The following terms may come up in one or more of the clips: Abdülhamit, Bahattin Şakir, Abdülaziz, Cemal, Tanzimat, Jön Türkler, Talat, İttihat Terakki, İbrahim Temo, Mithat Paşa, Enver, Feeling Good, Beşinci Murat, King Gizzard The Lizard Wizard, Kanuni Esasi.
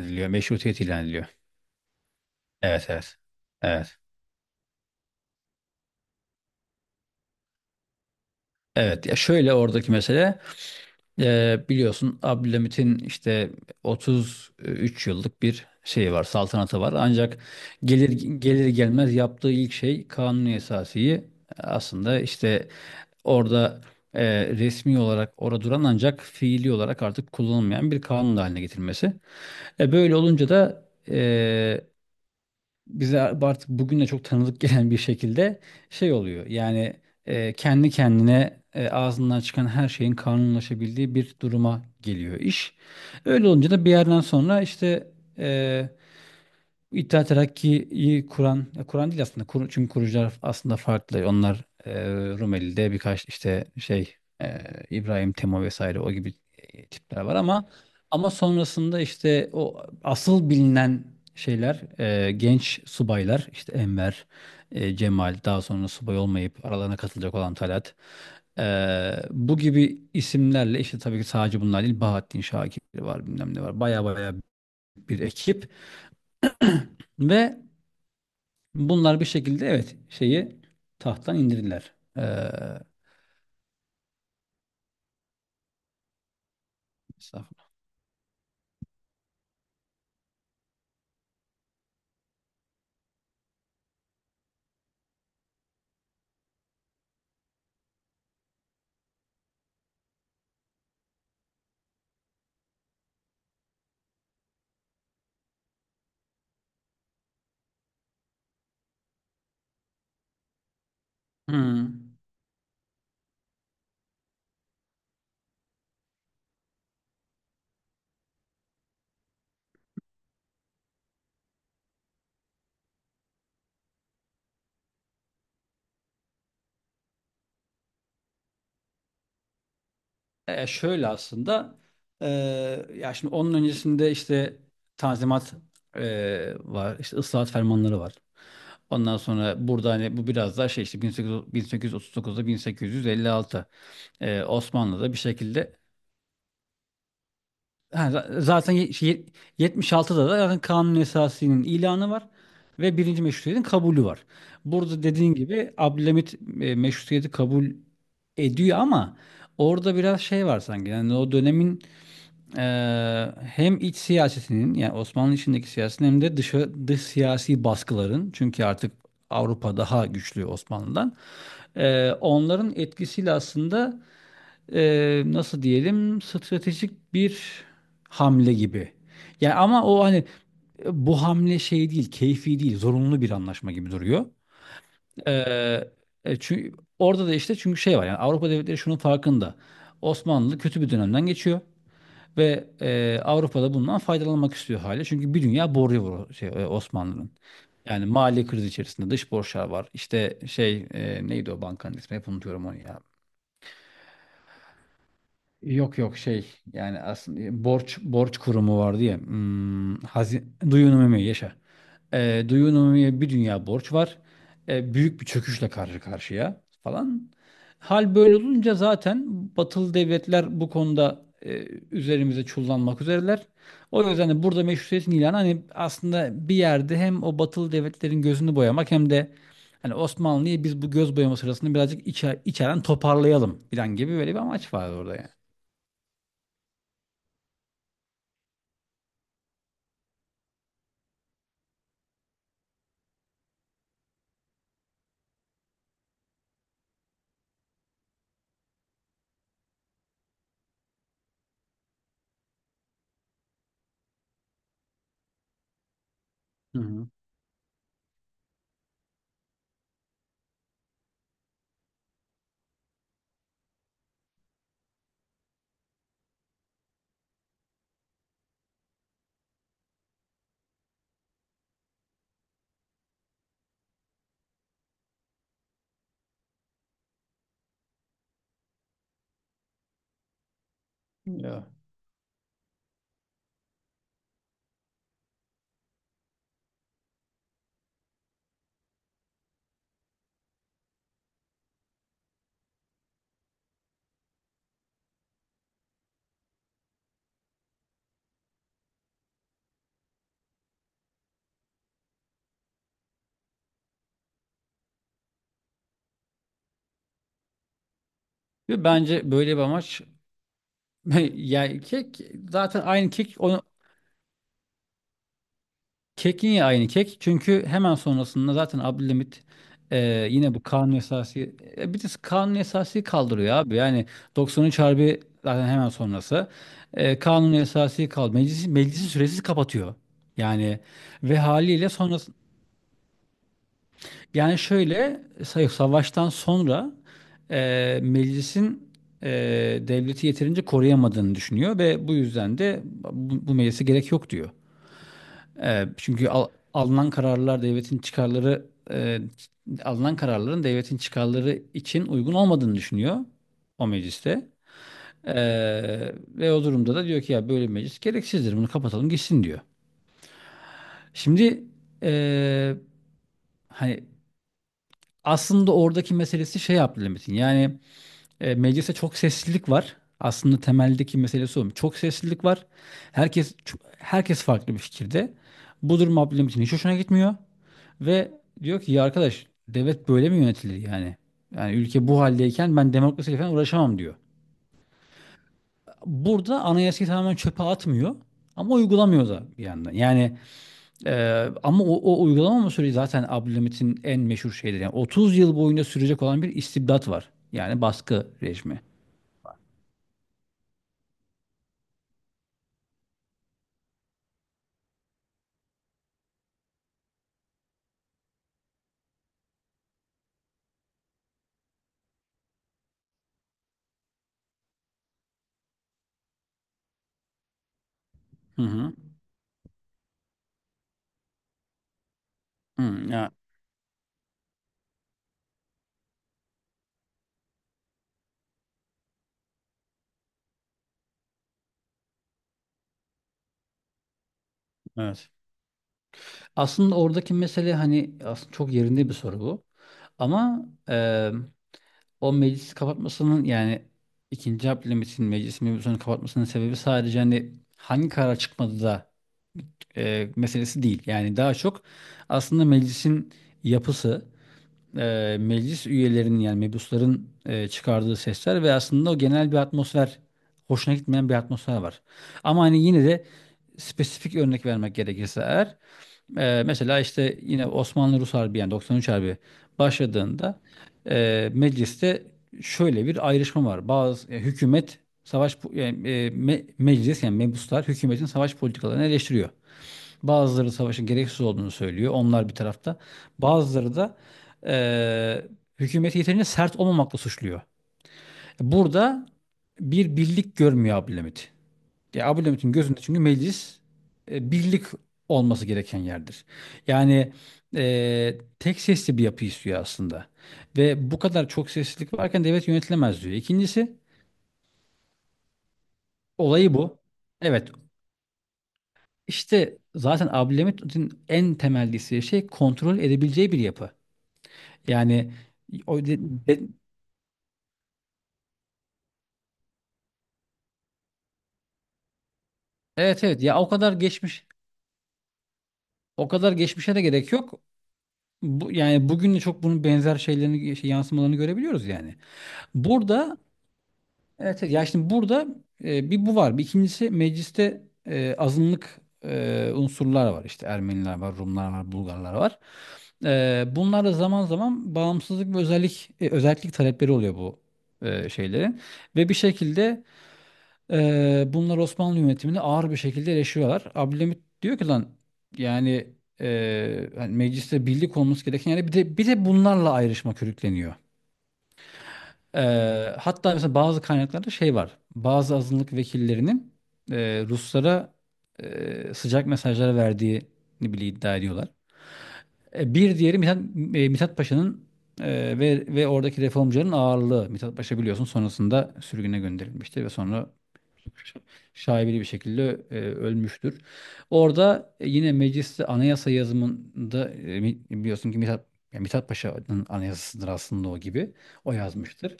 Ediliyor. Meşrutiyet ilan ediliyor. Evet, evet. Evet. Evet, ya şöyle oradaki mesele, biliyorsun Abdülhamit'in işte 33 yıllık bir şeyi var, saltanatı var ancak gelir gelir gelmez yaptığı ilk şey Kanuni Esasi'yi aslında işte orada, resmi olarak orada duran ancak fiili olarak artık kullanılmayan bir kanun haline getirmesi. Böyle olunca da bize artık bugünle çok tanıdık gelen bir şekilde şey oluyor. Yani kendi kendine, ağzından çıkan her şeyin kanunlaşabildiği bir duruma geliyor iş. Öyle olunca da bir yerden sonra işte e, İttihat Terakki'yi kuran, ya kuran değil aslında. Kur, çünkü kurucular aslında farklı. Onlar, Rumeli'de birkaç işte şey, e, İbrahim Temo vesaire o gibi, tipler var ama sonrasında işte o asıl bilinen şeyler, genç subaylar işte Enver, Cemal, daha sonra subay olmayıp aralarına katılacak olan Talat. e, Bu gibi isimlerle işte, tabii ki sadece bunlar değil, Bahattin Şakir var, bilmem ne var. Baya baya bir ekip. Ve bunlar bir şekilde, evet, şeyi tahttan indirdiler. Estağfurullah. Hmm. Şöyle aslında, ee, ya şimdi onun öncesinde işte tanzimat var, işte ıslahat fermanları var. Ondan sonra burada hani bu biraz daha şey işte 1800, 1839'da, 1856, Osmanlı'da bir şekilde. Ha, zaten 76'da da zaten kanun esasının ilanı var ve birinci meşrutiyetin kabulü var. Burada dediğin gibi Abdülhamit meşrutiyeti kabul ediyor ama orada biraz şey var sanki. Yani o dönemin, e, hem iç siyasetinin, yani Osmanlı içindeki siyasetin, hem de dış siyasi baskıların, çünkü artık Avrupa daha güçlü Osmanlı'dan. Onların etkisiyle aslında, nasıl diyelim, stratejik bir hamle gibi. Yani ama o hani bu hamle şey değil, keyfi değil, zorunlu bir anlaşma gibi duruyor. Çünkü orada da işte, çünkü şey var yani, Avrupa devletleri şunun farkında. Osmanlı kötü bir dönemden geçiyor ve Avrupa'da bundan faydalanmak istiyor hali. Çünkü bir dünya borcu var Osmanlı'nın. Yani mali kriz içerisinde dış borçlar var. İşte şey, neydi o bankanın ismi? Hep unutuyorum onu ya. Yok, yok, şey, yani aslında borç kurumu vardı ya, hazin duyunumumiye yaşa. Duyunumumiye bir dünya borç var. Büyük bir çöküşle karşı karşıya falan. Hal böyle olunca zaten batılı devletler bu konuda üzerimize çullanmak üzereler. O yüzden de burada meşrutiyetin ilanı, hani aslında bir yerde, hem o batılı devletlerin gözünü boyamak hem de hani Osmanlı'yı biz bu göz boyama sırasında birazcık içeren toparlayalım falan gibi, böyle bir amaç vardı orada yani. Hı hı. Ya. Ve bence böyle bir amaç. Yani kek, zaten aynı kek onu, kek niye aynı kek? Çünkü hemen sonrasında zaten Abdülhamit, e, yine bu kanun esası, bir de kanun esası kaldırıyor abi. Yani 93 Harbi zaten hemen sonrası. Kanun esası kaldı. Meclisi süresiz kapatıyor. Yani ve haliyle, yani şöyle, savaştan sonra meclisin, e, devleti yeterince koruyamadığını düşünüyor ve bu yüzden de bu meclise gerek yok diyor. Çünkü alınan kararlar devletin çıkarları, e, alınan kararların devletin çıkarları için uygun olmadığını düşünüyor o mecliste. E, Ve o durumda da diyor ki ya, böyle bir meclis gereksizdir, bunu kapatalım gitsin diyor. Şimdi e, hani aslında oradaki meselesi şey Abdülhamit'in yani. Mecliste çok seslilik var. Aslında temeldeki meselesi o. Çok seslilik var. Herkes farklı bir fikirde. Bu durum Abdülhamit'in hiç hoşuna gitmiyor ve diyor ki ya arkadaş, devlet böyle mi yönetilir yani? Yani ülke bu haldeyken ben demokrasiyle falan uğraşamam diyor. Burada anayasayı tamamen çöpe atmıyor ama uygulamıyor da bir yandan. Yani ama o uygulamama süreci zaten Abdülhamit'in en meşhur şeyleri. Yani 30 yıl boyunca sürecek olan bir istibdat var. Yani baskı rejimi. Hı hı. Hı. Ya, evet. Aslında oradaki mesele hani aslında çok yerinde bir soru bu. Ama o meclisi kapatmasının yani ikinci Abdülhamit'in meclis mevzusunu kapatmasının sebebi sadece hani hangi karar çıkmadı da meselesi değil. Yani daha çok aslında meclisin yapısı, meclis üyelerinin yani mebusların çıkardığı sesler ve aslında o genel bir atmosfer, hoşuna gitmeyen bir atmosfer var. Ama hani yine de spesifik örnek vermek gerekirse eğer, mesela işte yine Osmanlı-Rus Harbi yani 93 Harbi başladığında mecliste şöyle bir ayrışma var. Bazı hükümet savaş yani, meclis yani mebuslar hükümetin savaş politikalarını eleştiriyor. Bazıları savaşın gereksiz olduğunu söylüyor. Onlar bir tarafta. Bazıları da e, hükümeti yeterince sert olmamakla suçluyor. Burada bir birlik görmüyor Abdülhamit. Ya Abu Levit'in gözünde, çünkü meclis birlik olması gereken yerdir. Yani tek sesli bir yapı istiyor aslında. Ve bu kadar çok seslilik varken devlet yönetilemez diyor. İkincisi olayı bu. Evet, işte zaten Abdülhamit'in en temel desteği şey, kontrol edebileceği bir yapı. Yani o de- de- evet, evet, ya, o kadar geçmişe de gerek yok. Bu, yani bugün de çok bunun benzer şeylerini yansımalarını görebiliyoruz yani. Burada. Evet, evet. Ya şimdi burada bir bu var. Bir ikincisi mecliste azınlık unsurlar var. İşte Ermeniler var, Rumlar var, Bulgarlar var. Bunlar da zaman zaman bağımsızlık ve özellik talepleri oluyor bu şeylerin. Ve bir şekilde bunlar Osmanlı yönetimini ağır bir şekilde eleştiriyorlar. Abdülhamit diyor ki lan yani hani mecliste birlik olması gereken yani bir de bunlarla ayrışma körükleniyor. Hatta mesela bazı kaynaklarda şey var. Bazı azınlık vekillerinin Ruslara sıcak mesajlar verdiğini bile iddia ediyorlar. Bir diğeri Mithat, Mithat Paşa'nın ve oradaki reformcuların ağırlığı. Mithat Paşa biliyorsun sonrasında sürgüne gönderilmiştir ve sonra şaibeli bir şekilde ölmüştür. Orada yine mecliste anayasa yazımında biliyorsun ki Mithat, yani Mithat Paşa'nın anayasasıdır aslında o gibi. O yazmıştır.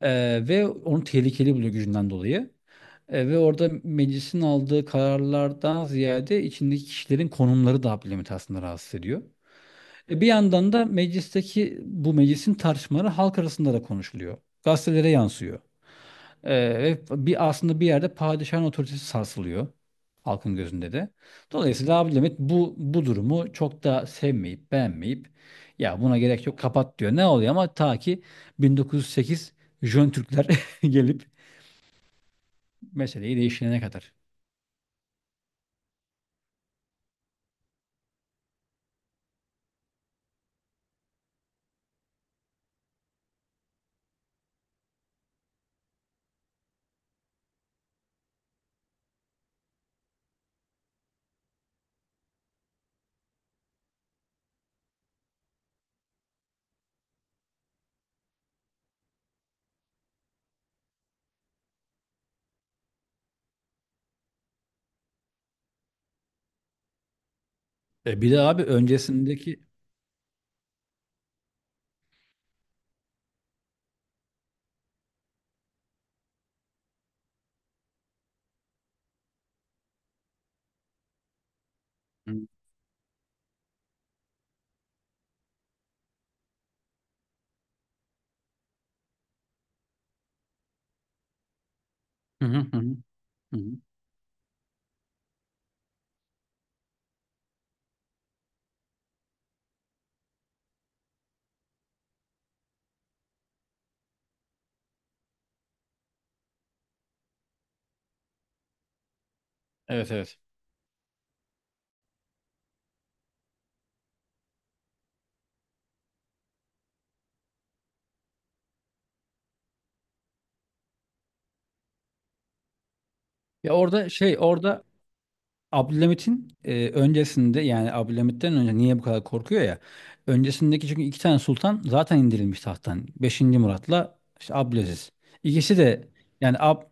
Ve onu tehlikeli buluyor gücünden dolayı. Ve orada meclisin aldığı kararlardan ziyade içindeki kişilerin konumları da Abdülhamit'i aslında rahatsız ediyor. Bir yandan da meclisteki bu meclisin tartışmaları halk arasında da konuşuluyor. Gazetelere yansıyor. Ve aslında bir yerde padişahın otoritesi sarsılıyor halkın gözünde de. Dolayısıyla Abdülhamit bu durumu çok da sevmeyip beğenmeyip ya buna gerek yok kapat diyor. Ne oluyor ama ta ki 1908 Jön Türkler gelip meseleyi değiştirene kadar. Bir de abi öncesindeki. Hı hı hı. Hı hı. Evet, evet. Ya orada Abdülhamit'in öncesinde yani Abdülhamit'ten önce niye bu kadar korkuyor ya? Öncesindeki çünkü iki tane sultan zaten indirilmiş tahttan. Beşinci Murat'la işte Abdülaziz. İkisi de yani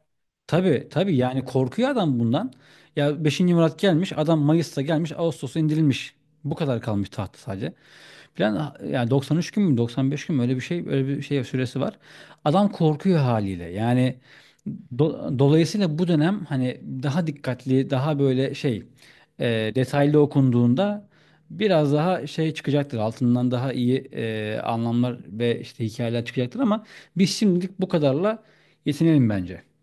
tabii tabii yani korkuyor adam bundan. Ya Beşinci Murat gelmiş adam Mayıs'ta gelmiş Ağustos'ta indirilmiş. Bu kadar kalmış tahtta sadece. Plan yani 93 gün mü 95 gün mü öyle bir şey süresi var. Adam korkuyor haliyle. Yani Dolayısıyla bu dönem hani daha dikkatli, daha böyle şey, detaylı okunduğunda biraz daha şey çıkacaktır. Altından daha iyi anlamlar ve işte hikayeler çıkacaktır ama biz şimdilik bu kadarla yetinelim bence.